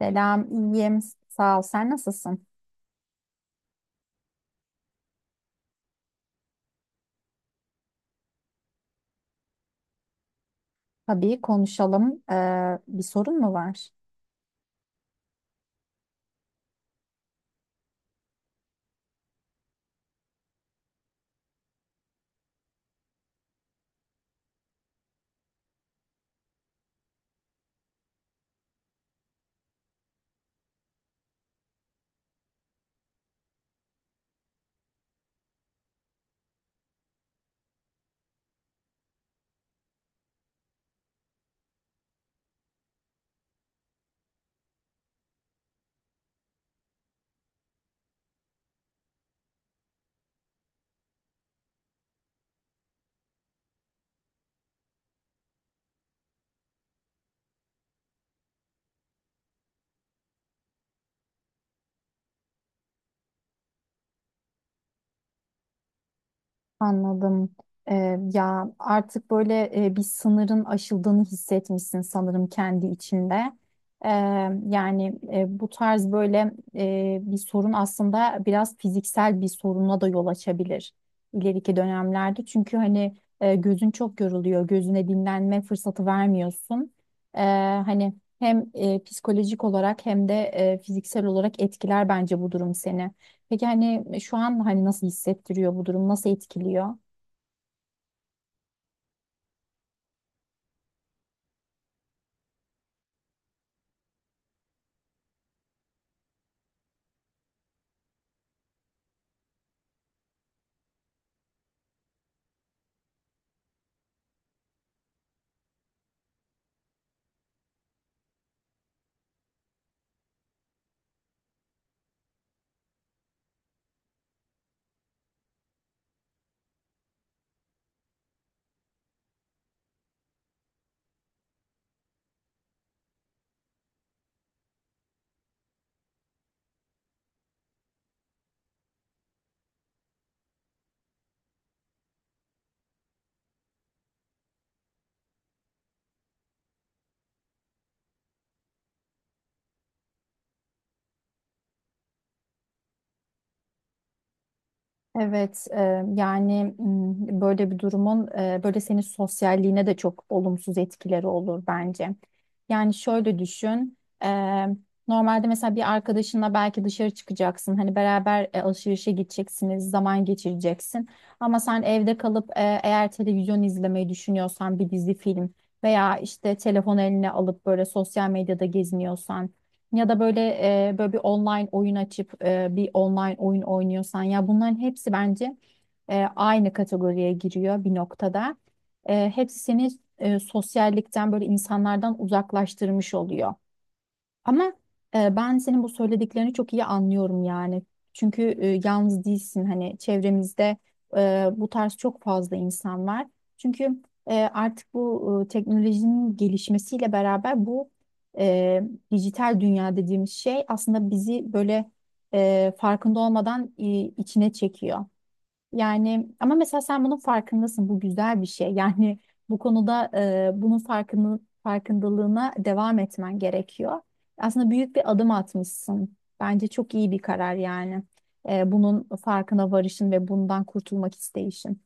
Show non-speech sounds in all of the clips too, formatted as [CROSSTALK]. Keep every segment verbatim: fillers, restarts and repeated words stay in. Selam, iyiyim. Sağ ol. Sen nasılsın? Tabii konuşalım. Ee, bir sorun mu var? Anladım. Ee, ya artık böyle e, bir sınırın aşıldığını hissetmişsin sanırım kendi içinde. Ee, yani e, Bu tarz böyle e, bir sorun aslında biraz fiziksel bir soruna da yol açabilir ileriki dönemlerde. Çünkü hani e, gözün çok yoruluyor, gözüne dinlenme fırsatı vermiyorsun. Ee, Hani hem e, psikolojik olarak hem de e, fiziksel olarak etkiler bence bu durum seni. Peki hani şu an hani nasıl hissettiriyor bu durum? Nasıl etkiliyor? Evet, e, Yani m, böyle bir durumun e, böyle senin sosyalliğine de çok olumsuz etkileri olur bence. Yani şöyle düşün, e, normalde mesela bir arkadaşınla belki dışarı çıkacaksın, hani beraber e, alışverişe gideceksiniz, zaman geçireceksin. Ama sen evde kalıp e, eğer televizyon izlemeyi düşünüyorsan bir dizi film veya işte telefon eline alıp böyle sosyal medyada geziniyorsan. Ya da böyle e, böyle bir online oyun açıp e, bir online oyun oynuyorsan ya bunların hepsi bence e, aynı kategoriye giriyor bir noktada. E, hepsi seni e, sosyallikten böyle insanlardan uzaklaştırmış oluyor. Ama e, ben senin bu söylediklerini çok iyi anlıyorum yani. Çünkü e, yalnız değilsin hani çevremizde e, bu tarz çok fazla insan var. Çünkü e, artık bu e, teknolojinin gelişmesiyle beraber bu e, dijital dünya dediğimiz şey aslında bizi böyle e, farkında olmadan e, içine çekiyor. Yani ama mesela sen bunun farkındasın. Bu güzel bir şey. [LAUGHS] Yani bu konuda e, bunun farkını, farkındalığına devam etmen gerekiyor. Aslında büyük bir adım atmışsın. Bence çok iyi bir karar yani. E, bunun farkına varışın ve bundan kurtulmak isteyişin.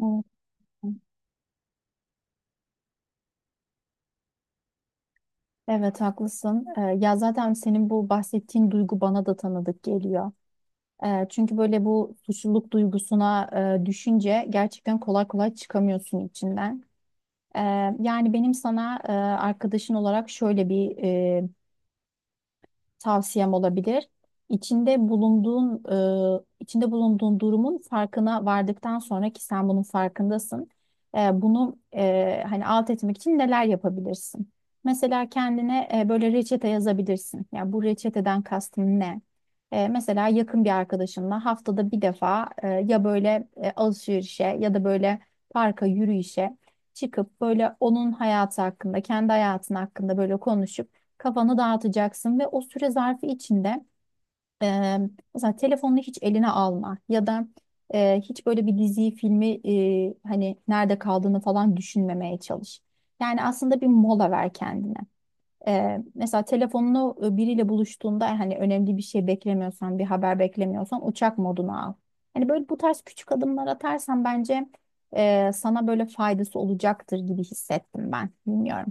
Evet, evet, haklısın. E, ya zaten senin bu bahsettiğin duygu bana da tanıdık geliyor. E, çünkü böyle bu suçluluk duygusuna e, düşünce gerçekten kolay kolay çıkamıyorsun içinden. E, Yani benim sana e, arkadaşın olarak şöyle bir tavsiyem olabilir. İçinde bulunduğun e, içinde bulunduğun durumun farkına vardıktan sonra ki sen bunun farkındasın. E, bunu e, hani alt etmek için neler yapabilirsin? Mesela kendine e, böyle reçete yazabilirsin. Yani bu reçeteden kastın ne? E, mesela yakın bir arkadaşınla haftada bir defa e, ya böyle e, alışverişe ya da böyle parka yürüyüşe çıkıp böyle onun hayatı hakkında, kendi hayatın hakkında böyle konuşup kafanı dağıtacaksın ve o süre zarfı içinde e, mesela telefonunu hiç eline alma ya da e, hiç böyle bir diziyi filmi e, hani nerede kaldığını falan düşünmemeye çalış. Yani aslında bir mola ver kendine. Ee, mesela telefonunu e, biriyle buluştuğunda hani önemli bir şey beklemiyorsan, bir haber beklemiyorsan uçak moduna al. Hani böyle bu tarz küçük adımlar atarsan bence e, sana böyle faydası olacaktır gibi hissettim ben. Bilmiyorum.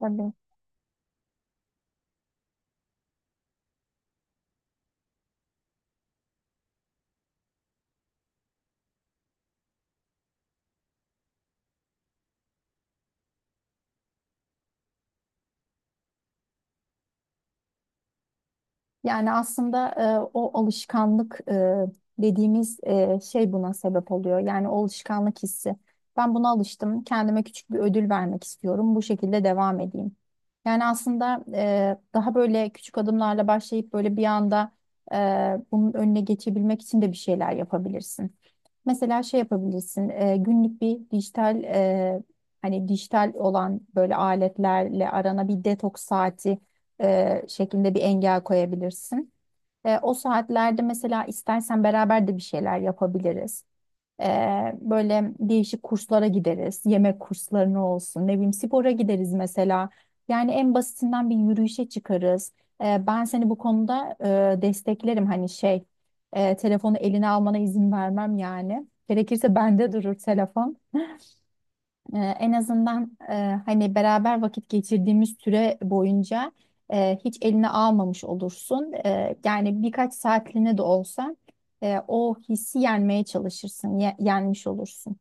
Tabii. Yani aslında e, o alışkanlık e, dediğimiz e, şey buna sebep oluyor. Yani o alışkanlık hissi. Ben buna alıştım. Kendime küçük bir ödül vermek istiyorum. Bu şekilde devam edeyim. Yani aslında e, daha böyle küçük adımlarla başlayıp böyle bir anda e, bunun önüne geçebilmek için de bir şeyler yapabilirsin. Mesela şey yapabilirsin, e, günlük bir dijital e, hani dijital olan böyle aletlerle arana bir detoks saati e, şeklinde bir engel koyabilirsin. E, o saatlerde mesela istersen beraber de bir şeyler yapabiliriz. Ee, böyle değişik kurslara gideriz. Yemek kurslarına olsun. Ne bileyim spora gideriz mesela. Yani en basitinden bir yürüyüşe çıkarız. Ee, ben seni bu konuda e, desteklerim. Hani şey e, telefonu eline almana izin vermem yani. Gerekirse bende durur telefon. Ee, en azından e, hani beraber vakit geçirdiğimiz süre boyunca e, hiç eline almamış olursun. E, yani birkaç saatliğine de olsa e, o hissi yenmeye çalışırsın, ye- yenmiş olursun.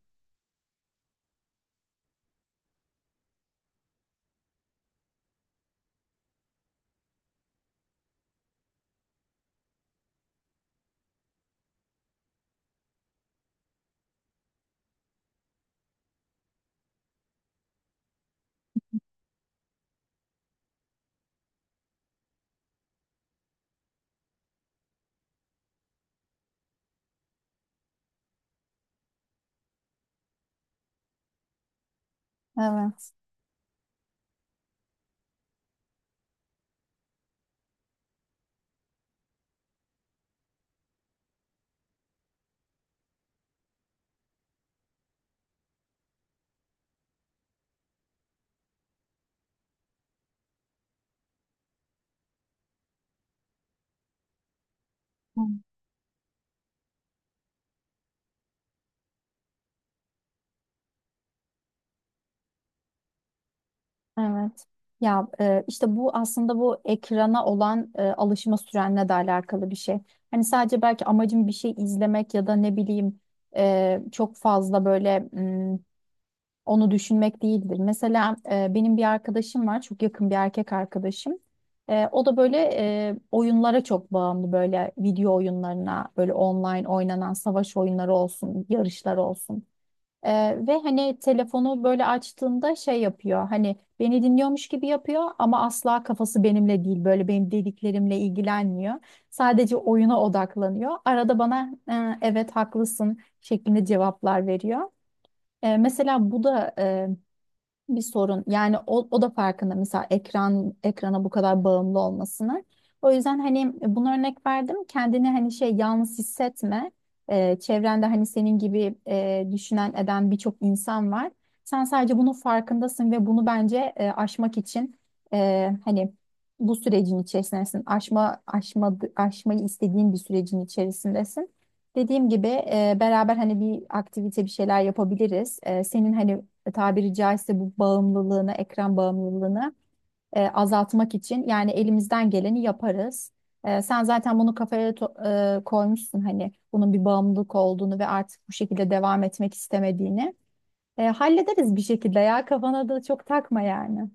Evet. Hı. Evet. Ya e, işte bu aslında bu ekrana olan e, alışma sürenle de alakalı bir şey. Hani sadece belki amacım bir şey izlemek ya da ne bileyim e, çok fazla böyle m, onu düşünmek değildir. Mesela e, benim bir arkadaşım var, çok yakın bir erkek arkadaşım. E, o da böyle e, oyunlara çok bağımlı böyle video oyunlarına, böyle online oynanan savaş oyunları olsun, yarışlar olsun. Ee, ve hani telefonu böyle açtığında şey yapıyor hani beni dinliyormuş gibi yapıyor ama asla kafası benimle değil böyle benim dediklerimle ilgilenmiyor. Sadece oyuna odaklanıyor. Arada bana "Ee, evet haklısın" şeklinde cevaplar veriyor. Ee, mesela bu da bir sorun. Yani o, o da farkında mesela ekran ekrana bu kadar bağımlı olmasını. O yüzden hani bunu örnek verdim. Kendini hani şey yalnız hissetme. Ee, çevrende hani senin gibi e, düşünen eden birçok insan var. Sen sadece bunun farkındasın ve bunu bence e, aşmak için e, hani bu sürecin içerisindesin. Aşma, aşma, aşmayı istediğin bir sürecin içerisindesin. Dediğim gibi e, beraber hani bir aktivite bir şeyler yapabiliriz. E, senin hani e, tabiri caizse bu bağımlılığını, ekran bağımlılığını e, azaltmak için yani elimizden geleni yaparız. E, sen zaten bunu kafaya to- e, koymuşsun hani bunun bir bağımlılık olduğunu ve artık bu şekilde devam etmek istemediğini. E, hallederiz bir şekilde ya kafana da çok takma yani.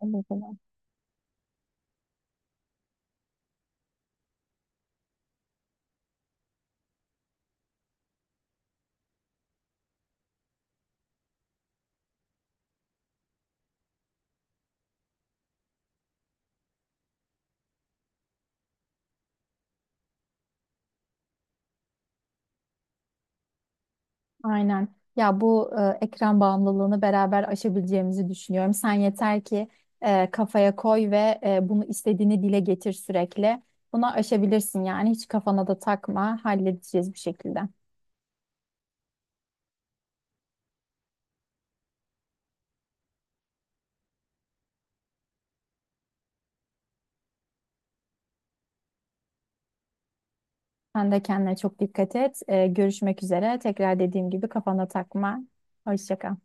Olur. Aynen. Ya bu e, ekran bağımlılığını beraber aşabileceğimizi düşünüyorum. Sen yeter ki e, kafaya koy ve e, bunu istediğini dile getir sürekli. Bunu aşabilirsin yani hiç kafana da takma, halledeceğiz bir şekilde. Sen de kendine çok dikkat et. E, görüşmek üzere. Tekrar dediğim gibi kafana takma. Hoşça kal.